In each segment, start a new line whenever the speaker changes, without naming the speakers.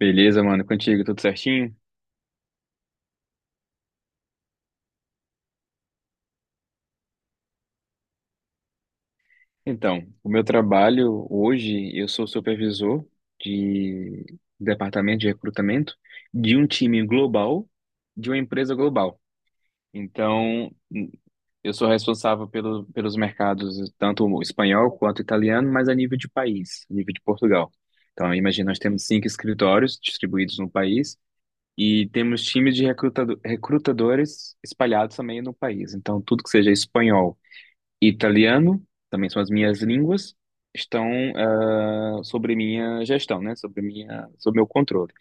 Beleza, mano, contigo, tudo certinho? Então, o meu trabalho hoje, eu sou supervisor de departamento de recrutamento de um time global, de uma empresa global. Então, eu sou responsável pelos mercados, tanto o espanhol quanto o italiano, mas a nível de país, a nível de Portugal. Então, imagina, nós temos cinco escritórios distribuídos no país e temos times de recrutadores espalhados também no país. Então, tudo que seja espanhol e italiano, também são as minhas línguas, estão sobre minha gestão, né? Sobre minha, sobre meu controle.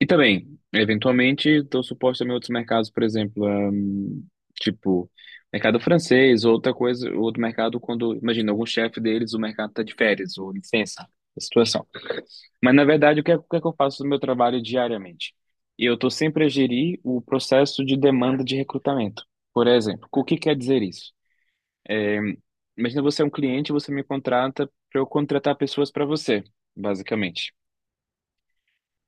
E também, eventualmente, estou suposto também a outros mercados, por exemplo, tipo mercado francês, ou outra coisa, outro mercado quando, imagina, algum chefe deles, o mercado está de férias ou licença, a situação. Mas na verdade, o que é que eu faço no meu trabalho diariamente? Eu estou sempre a gerir o processo de demanda de recrutamento. Por exemplo, o que quer dizer isso? Imagina, você é um cliente, você me contrata para eu contratar pessoas para você, basicamente.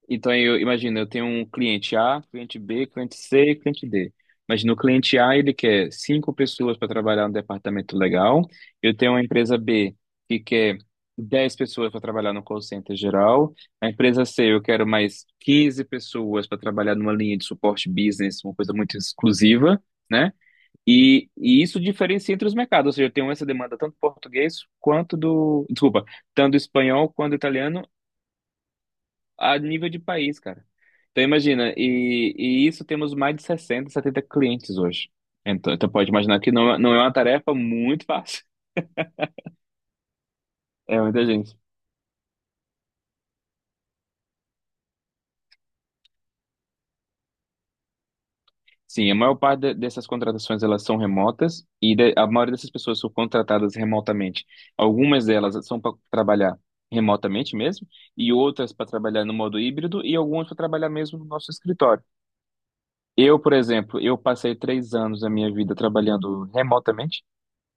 Então eu imagino, eu tenho um cliente A, cliente B, cliente C e cliente D. Imagina, o cliente A, ele quer cinco pessoas para trabalhar no departamento legal. Eu tenho uma empresa B que quer 10 pessoas para trabalhar no call center geral. A empresa C, eu quero mais 15 pessoas para trabalhar numa linha de suporte business, uma coisa muito exclusiva, né? E isso diferencia entre os mercados, ou seja, eu tenho essa demanda tanto do português quanto do, desculpa, tanto do espanhol quanto do italiano a nível de país, cara. Então imagina, e isso temos mais de 60, 70 clientes hoje. Então pode imaginar que não, não é uma tarefa muito fácil. É muita gente. Sim, a maior parte dessas contratações elas são remotas e a maioria dessas pessoas são contratadas remotamente. Algumas delas são para trabalhar remotamente mesmo e outras para trabalhar no modo híbrido e algumas para trabalhar mesmo no nosso escritório. Eu, por exemplo, eu passei 3 anos da minha vida trabalhando remotamente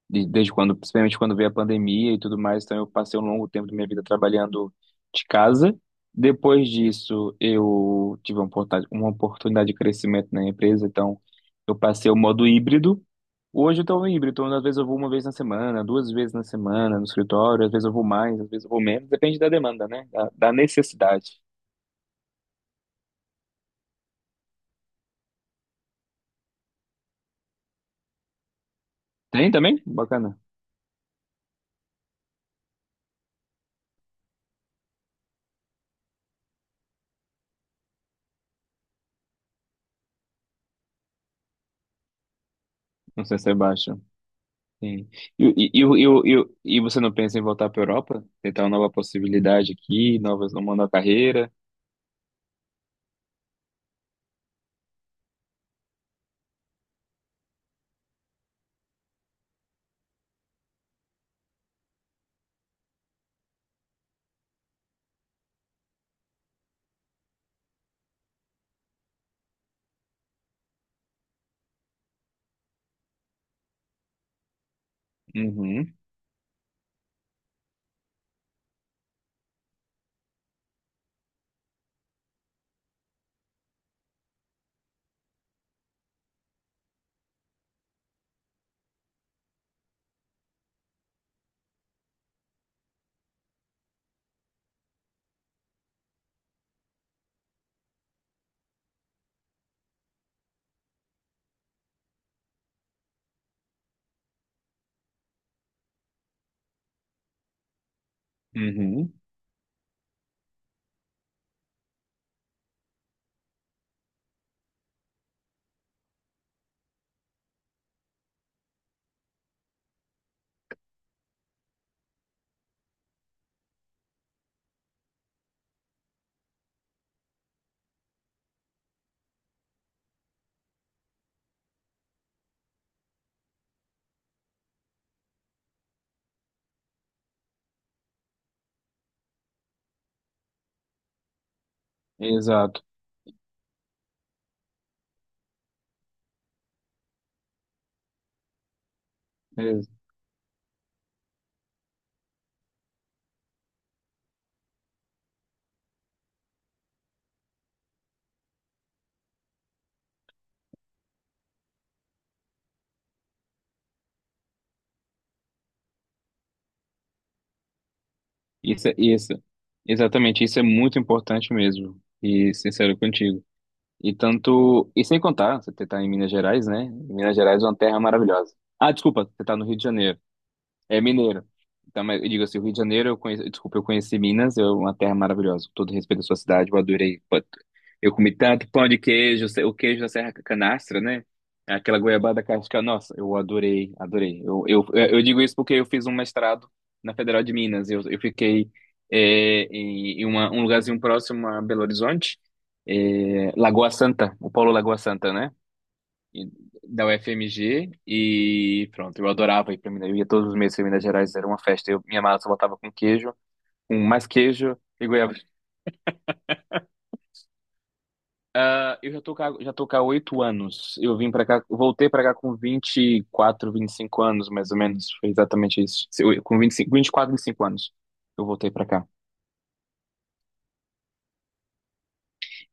desde quando, principalmente quando veio a pandemia e tudo mais, então eu passei um longo tempo da minha vida trabalhando de casa. Depois disso, eu tive uma oportunidade de crescimento na empresa, então eu passei o modo híbrido. Hoje eu estou híbrido, então às vezes eu vou uma vez na semana, duas vezes na semana no escritório, às vezes eu vou mais, às vezes eu vou menos, depende da demanda, né? Da necessidade. Tem também? Bacana. Não sei se é baixo. Sim. E, e, e, e, e e você não pensa em voltar para a Europa? Tentar uma nova possibilidade aqui, novas, uma nova carreira? Uhum, uhum. Exato. Ex- Isso, isso. Exatamente, isso é muito importante mesmo. E sincero contigo. E tanto, e sem contar, você está em Minas Gerais, né? Minas Gerais é uma terra maravilhosa. Ah, desculpa, você está no Rio de Janeiro. É mineiro. Então, mas eu digo assim, o Rio de Janeiro, eu conheci, desculpa, eu conheci Minas, é uma terra maravilhosa. Com todo respeito à sua cidade, eu adorei. Pô, eu comi tanto pão de queijo, o queijo da Serra Canastra, né? Aquela goiabada casca, nossa, eu adorei, adorei. Eu digo isso porque eu fiz um mestrado na Federal de Minas. Eu fiquei em, um lugarzinho próximo a Belo Horizonte, Lagoa Santa, o Polo Lagoa Santa, né? e- Da UFMG, e pronto, eu adorava ir para Minas, eu ia todos os meses para Minas Gerais, era uma festa. Eu, minha massa eu botava com queijo, com mais queijo e goiaba. Ah, eu já tô cá, há 8 anos. Eu vim para cá, voltei para cá com vinte vinte e quatro vinte e cinco anos, mais ou menos. Foi exatamente isso. Com 25, 24 25 anos. Eu voltei para cá.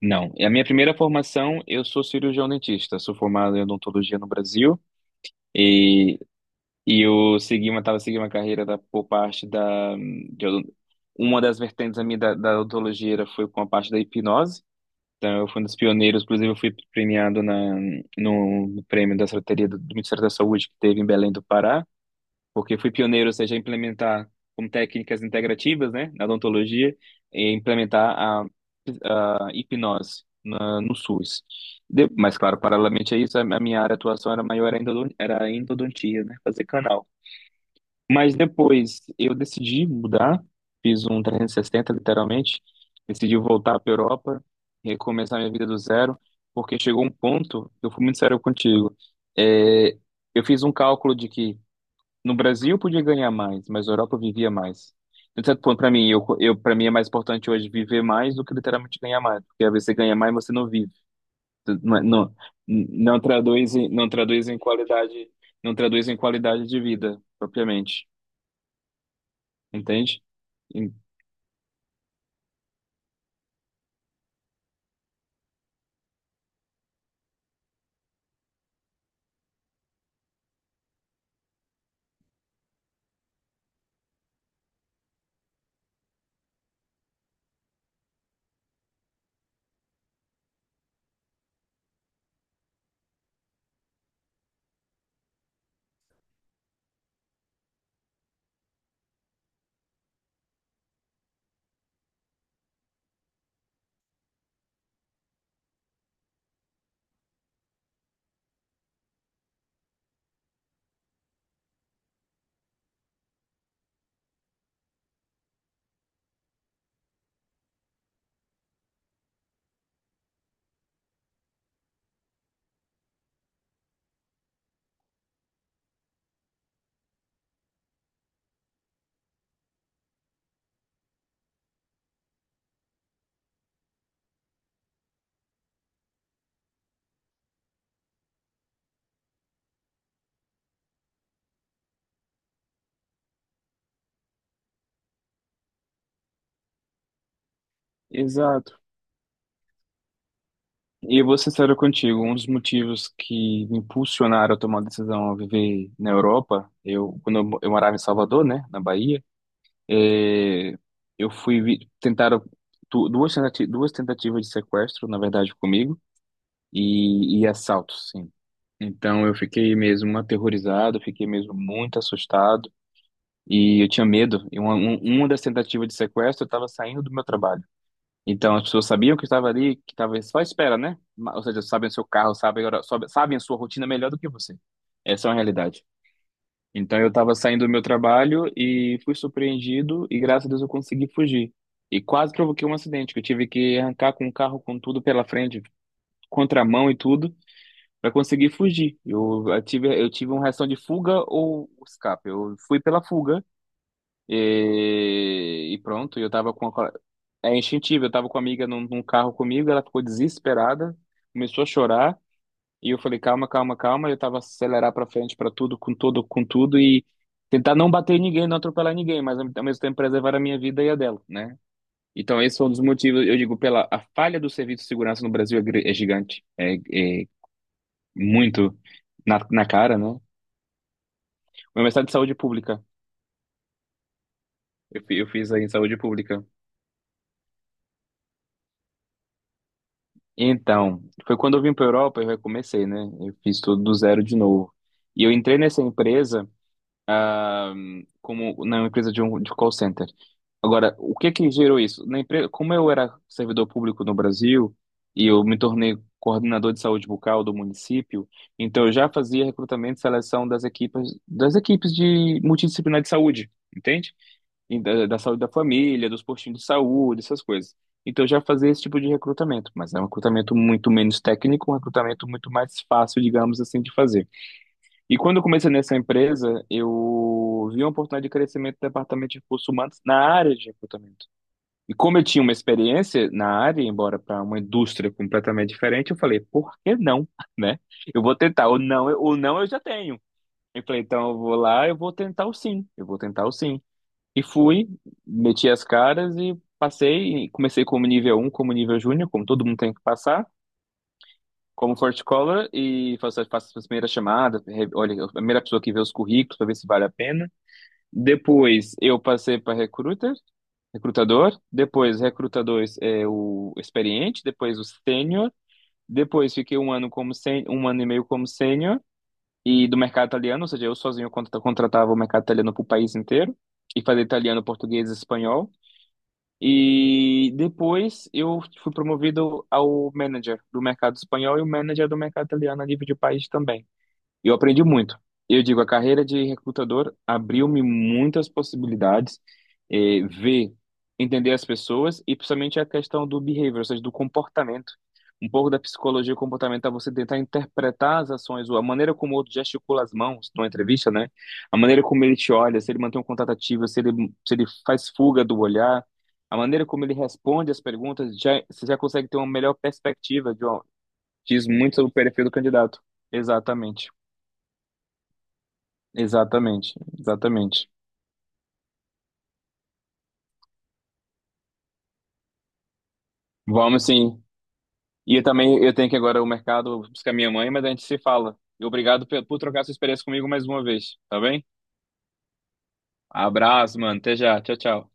Não, é a minha primeira formação, eu sou cirurgião dentista. Sou formado em odontologia no Brasil. E E eu segui uma, tava seguindo uma carreira da, por parte da. Uma das vertentes da minha da odontologia foi com a parte da hipnose. Então, eu fui um dos pioneiros, inclusive, eu fui premiado na, no prêmio da Secretaria do, do Ministério da Saúde, que teve em Belém do Pará, porque fui pioneiro, ou seja, a implementar como técnicas integrativas, né, na odontologia, e implementar a hipnose na, no SUS. Mas, claro, paralelamente a isso, a minha área de atuação era maior, era endodontia, né, fazer canal. Mas depois eu decidi mudar, fiz um 360 literalmente, decidi voltar para Europa, recomeçar minha vida do zero, porque chegou um ponto, eu fui muito sério contigo, é, eu fiz um cálculo de que no Brasil eu podia ganhar mais, mas na Europa eu vivia mais. Então, de certo ponto, para mim, para mim é mais importante hoje viver mais do que literalmente ganhar mais, porque às vezes você ganha mais, você não vive. Então, não, não, não traduz, não traduz em qualidade, não traduz em qualidade de vida, propriamente. Entende? Em- Exato. E eu vou ser sincero contigo, um dos motivos que me impulsionaram a tomar a decisão a viver na Europa, eu quando eu, eu morava em Salvador, né, na Bahia, eh, eu tentaram duas duas tentativas de sequestro, na verdade, comigo e assaltos, sim. Então eu fiquei mesmo aterrorizado, fiquei mesmo muito assustado e eu tinha medo. E uma, uma das tentativas de sequestro, eu estava saindo do meu trabalho. Então, as pessoas sabiam que estava ali, que estava só à espera, né? Ou seja, sabem o seu carro, sabem, sabem a sua rotina melhor do que você. Essa é uma realidade. Então, eu estava saindo do meu trabalho e fui surpreendido e, graças a Deus, eu consegui fugir. E quase provoquei um acidente, que eu tive que arrancar com o carro com tudo pela frente, contramão e tudo, para conseguir fugir. Eu tive uma reação de fuga ou escape. Eu fui pela fuga e pronto, eu tava com a, é instintivo, eu tava com a amiga num, carro comigo, ela ficou desesperada, começou a chorar, e eu falei: calma, calma, calma, e eu tava acelerar pra frente pra tudo, com tudo, com tudo, e tentar não bater em ninguém, não atropelar ninguém, mas ao mesmo tempo preservar a minha vida e a dela, né? Então esse foi um dos motivos, eu digo, pela a falha do serviço de segurança no Brasil é gigante, é muito na cara, né? O meu mestrado de saúde pública, eu fiz aí em saúde pública. Então, foi quando eu vim para Europa, eu recomecei, né? Eu fiz tudo do zero de novo. E eu entrei nessa empresa, ah, como na empresa de um de call center. Agora, o que que gerou isso? Na empresa, como eu era servidor público no Brasil e eu me tornei coordenador de saúde bucal do município, então eu já fazia recrutamento e seleção das equipes de multidisciplinar de saúde, entende? E da saúde da família, dos postinhos de saúde, essas coisas. Então eu já fazia esse tipo de recrutamento, mas é um recrutamento muito menos técnico, um recrutamento muito mais fácil, digamos assim, de fazer. E quando eu comecei nessa empresa, eu vi uma oportunidade de crescimento do departamento de recursos humanos na área de recrutamento. E como eu tinha uma experiência na área, embora para uma indústria completamente diferente, eu falei: por que não? Né? Eu vou tentar, ou não, ou não eu já tenho. Eu falei, então eu vou lá, eu vou tentar o sim, eu vou tentar o sim. E fui, meti as caras e passei. E comecei como nível um, como nível júnior, como todo mundo tem que passar, como Forte Collar, e faço, as primeiras chamadas. Olha, a primeira pessoa que vê os currículos para ver se vale a pena. Depois eu passei para recruiter, recrutador. Depois, recrutador é o experiente. Depois, o sênior. Depois, fiquei um ano e meio como sênior. E do mercado italiano, ou seja, eu sozinho contratava o mercado italiano para o país inteiro e fazer italiano, português e espanhol. E depois eu fui promovido ao manager do mercado espanhol e o manager do mercado italiano a nível de país também. Eu aprendi muito. Eu digo, a carreira de recrutador abriu-me muitas possibilidades, ver, entender as pessoas e principalmente a questão do behavior, ou seja, do comportamento. Um pouco da psicologia comportamental, você tentar interpretar as ações, ou a maneira como o outro gesticula as mãos numa entrevista, né? A maneira como ele te olha, se ele mantém um contato ativo, se ele faz fuga do olhar, a maneira como ele responde as perguntas, já, você já consegue ter uma melhor perspectiva, de, ó, diz muito sobre o perfil do candidato. Exatamente. Exatamente, exatamente. Vamos sim. E eu também eu tenho que ir agora ao mercado buscar minha mãe, mas a gente se fala. E obrigado por trocar sua experiência comigo mais uma vez, tá bem? Abraço, mano. Até já. Tchau, tchau.